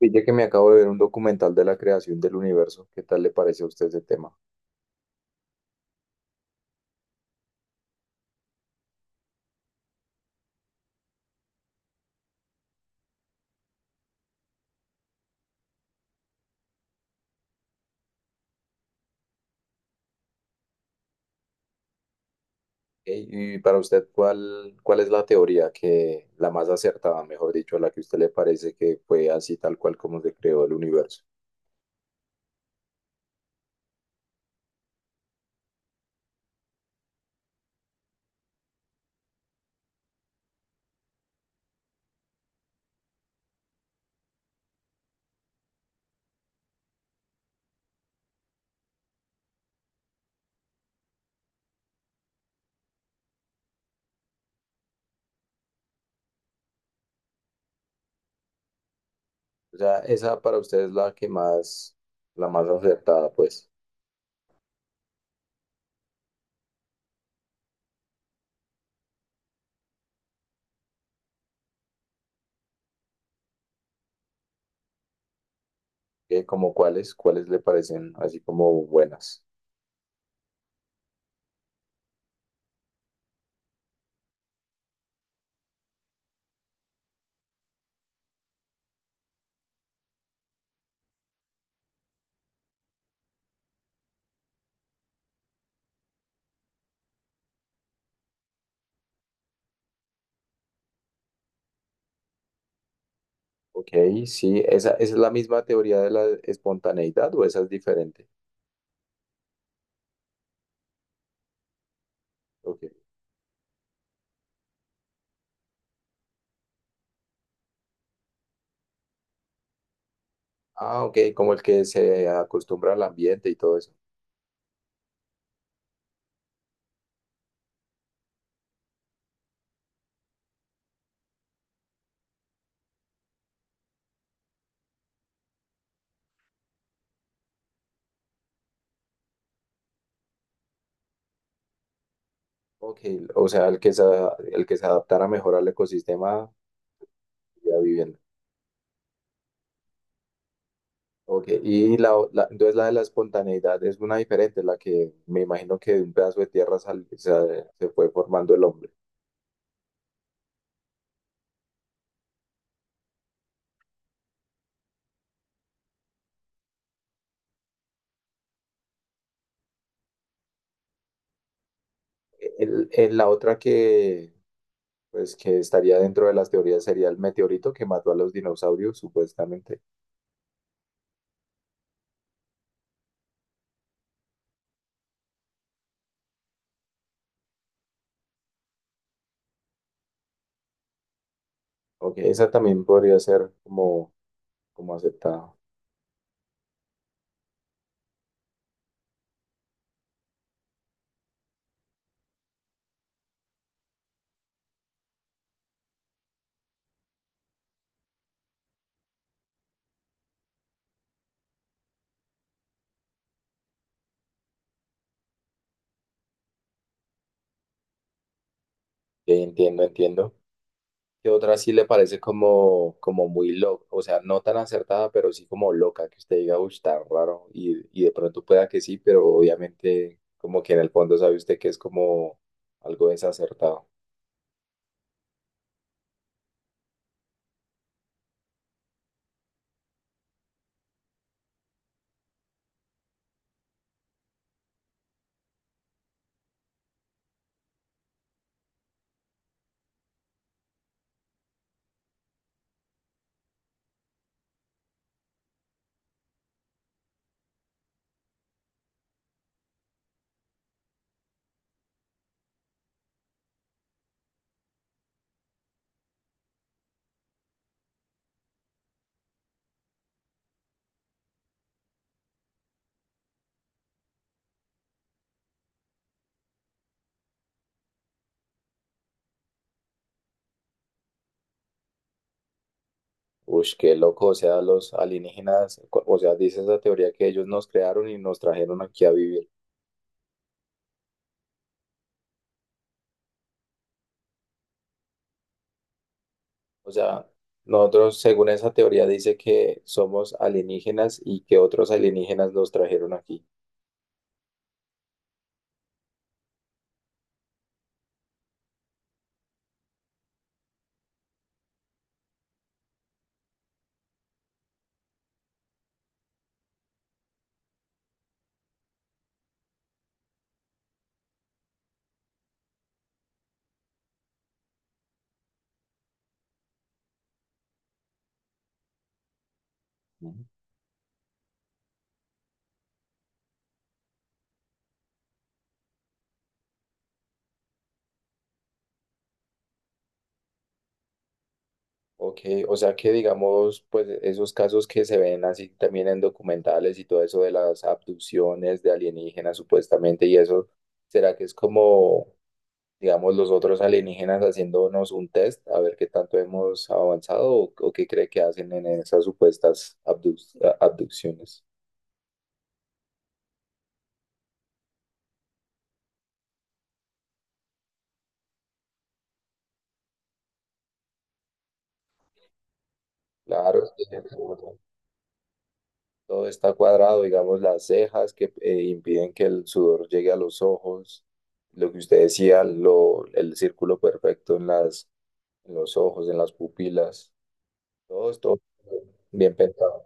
Pille que me acabo de ver un documental de la creación del universo. ¿Qué tal le parece a usted ese tema? Ey. Y para usted, ¿cuál es la teoría que la más acertada, mejor dicho, a la que a usted le parece que fue así tal cual como se creó el universo? O sea, esa para usted es la que la más acertada, pues. ¿Qué, como cuáles le parecen así como buenas? Ok, sí, esa es la misma teoría de la espontaneidad o esa es diferente. Ok. Ah, ok, como el que se acostumbra al ambiente y todo eso. Ok, o sea, el que el que se adaptara mejor al ecosistema y a vivienda. Ok, y la, o- la- entonces la de la espontaneidad es una diferente, la que me imagino que de un pedazo de tierra sal- se fue formando el hombre. La otra que, pues, que estaría dentro de las teorías sería el meteorito que mató a los dinosaurios, supuestamente. Ok, esa también podría ser como, como aceptada. Ok, entiendo, entiendo. Que otra sí le parece como, como muy loca, o sea, no tan acertada, pero sí como loca, que usted diga, uy, está raro, y de pronto pueda que sí, pero obviamente como que en el fondo sabe usted que es como algo desacertado. Uy, qué loco, o sea, los alienígenas, cu- o sea, dice esa teoría que ellos nos crearon y nos trajeron aquí a vivir. O sea, nosotros, según esa teoría, dice que somos alienígenas y que otros alienígenas nos trajeron aquí. Ok, o sea que digamos, pues esos casos que se ven así también en documentales y todo eso de las abducciones de alienígenas supuestamente y eso, ¿será que es como, digamos, los otros alienígenas haciéndonos un test a ver qué tanto hemos avanzado o qué cree que hacen en esas supuestas abduc- abducciones? Claro, es que todo está cuadrado, digamos, las cejas que impiden que el sudor llegue a los ojos, lo que usted decía, lo, el círculo perfecto en las en los ojos, en las pupilas, todo esto bien pensado.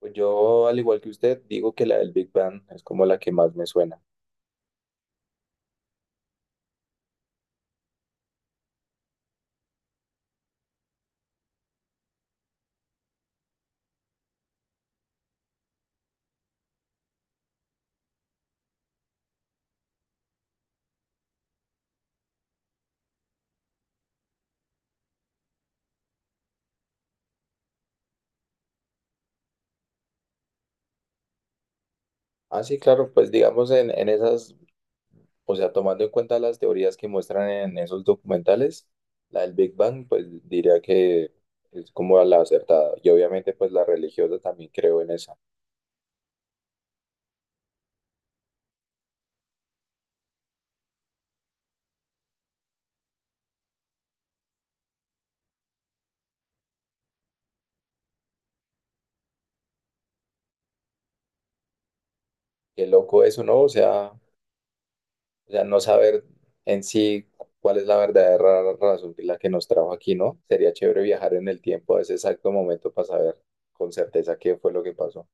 Pues yo, al igual que usted, digo que la del Big Bang es como la que más me suena. Ah, sí, claro, pues digamos en esas, o sea, tomando en cuenta las teorías que muestran en esos documentales, la del Big Bang, pues diría que es como la acertada. Y obviamente, pues la religiosa también creo en esa. Qué loco eso, ¿no? O sea, o sea, no saber en sí cuál es la verdadera razón que la que nos trajo aquí, ¿no? Sería chévere viajar en el tiempo a ese exacto momento para saber con certeza qué fue lo que pasó.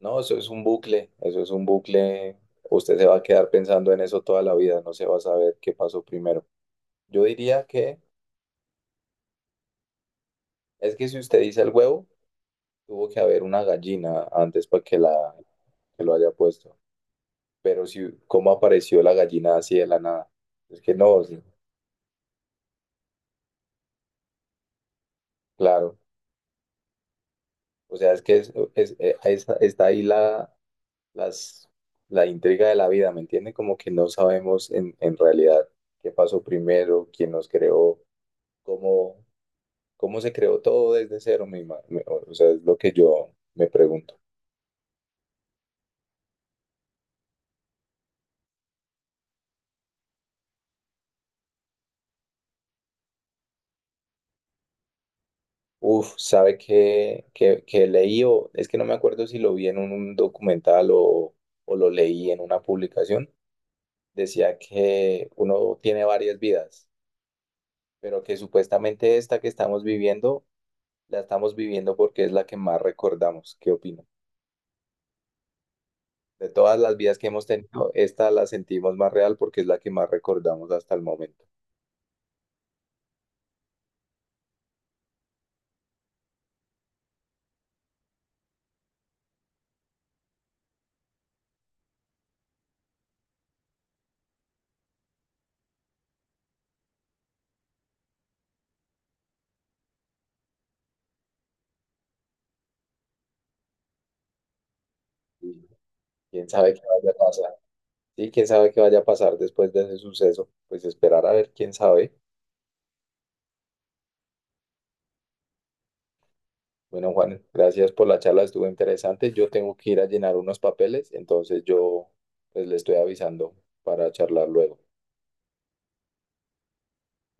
No, eso es un bucle, eso es un bucle. Usted se va a quedar pensando en eso toda la vida, no se va a saber qué pasó primero. Yo diría que es que si usted dice el huevo, tuvo que haber una gallina antes para que la que lo haya puesto. Pero si cómo apareció la gallina así de la nada. Es que no, sí, claro. O sea, es que está ahí las, la intriga de la vida, ¿me entiende? Como que no sabemos en realidad qué pasó primero, quién nos creó, cómo, cómo se creó todo desde cero, o sea, es lo que yo me pregunto. Uf, ¿sabe qué, qué leí? O, es que no me acuerdo si lo vi en un documental o lo leí en una publicación. Decía que uno tiene varias vidas, pero que supuestamente esta que estamos viviendo la estamos viviendo porque es la que más recordamos. ¿Qué opino? De todas las vidas que hemos tenido, esta la sentimos más real porque es la que más recordamos hasta el momento. Y quién sabe qué vaya a pasar. Sí, quién sabe qué vaya a pasar después de ese suceso. Pues esperar a ver quién sabe. Bueno, Juan, gracias por la charla, estuvo interesante. Yo tengo que ir a llenar unos papeles, entonces yo pues le estoy avisando para charlar luego.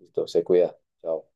Listo, se cuida. Chao.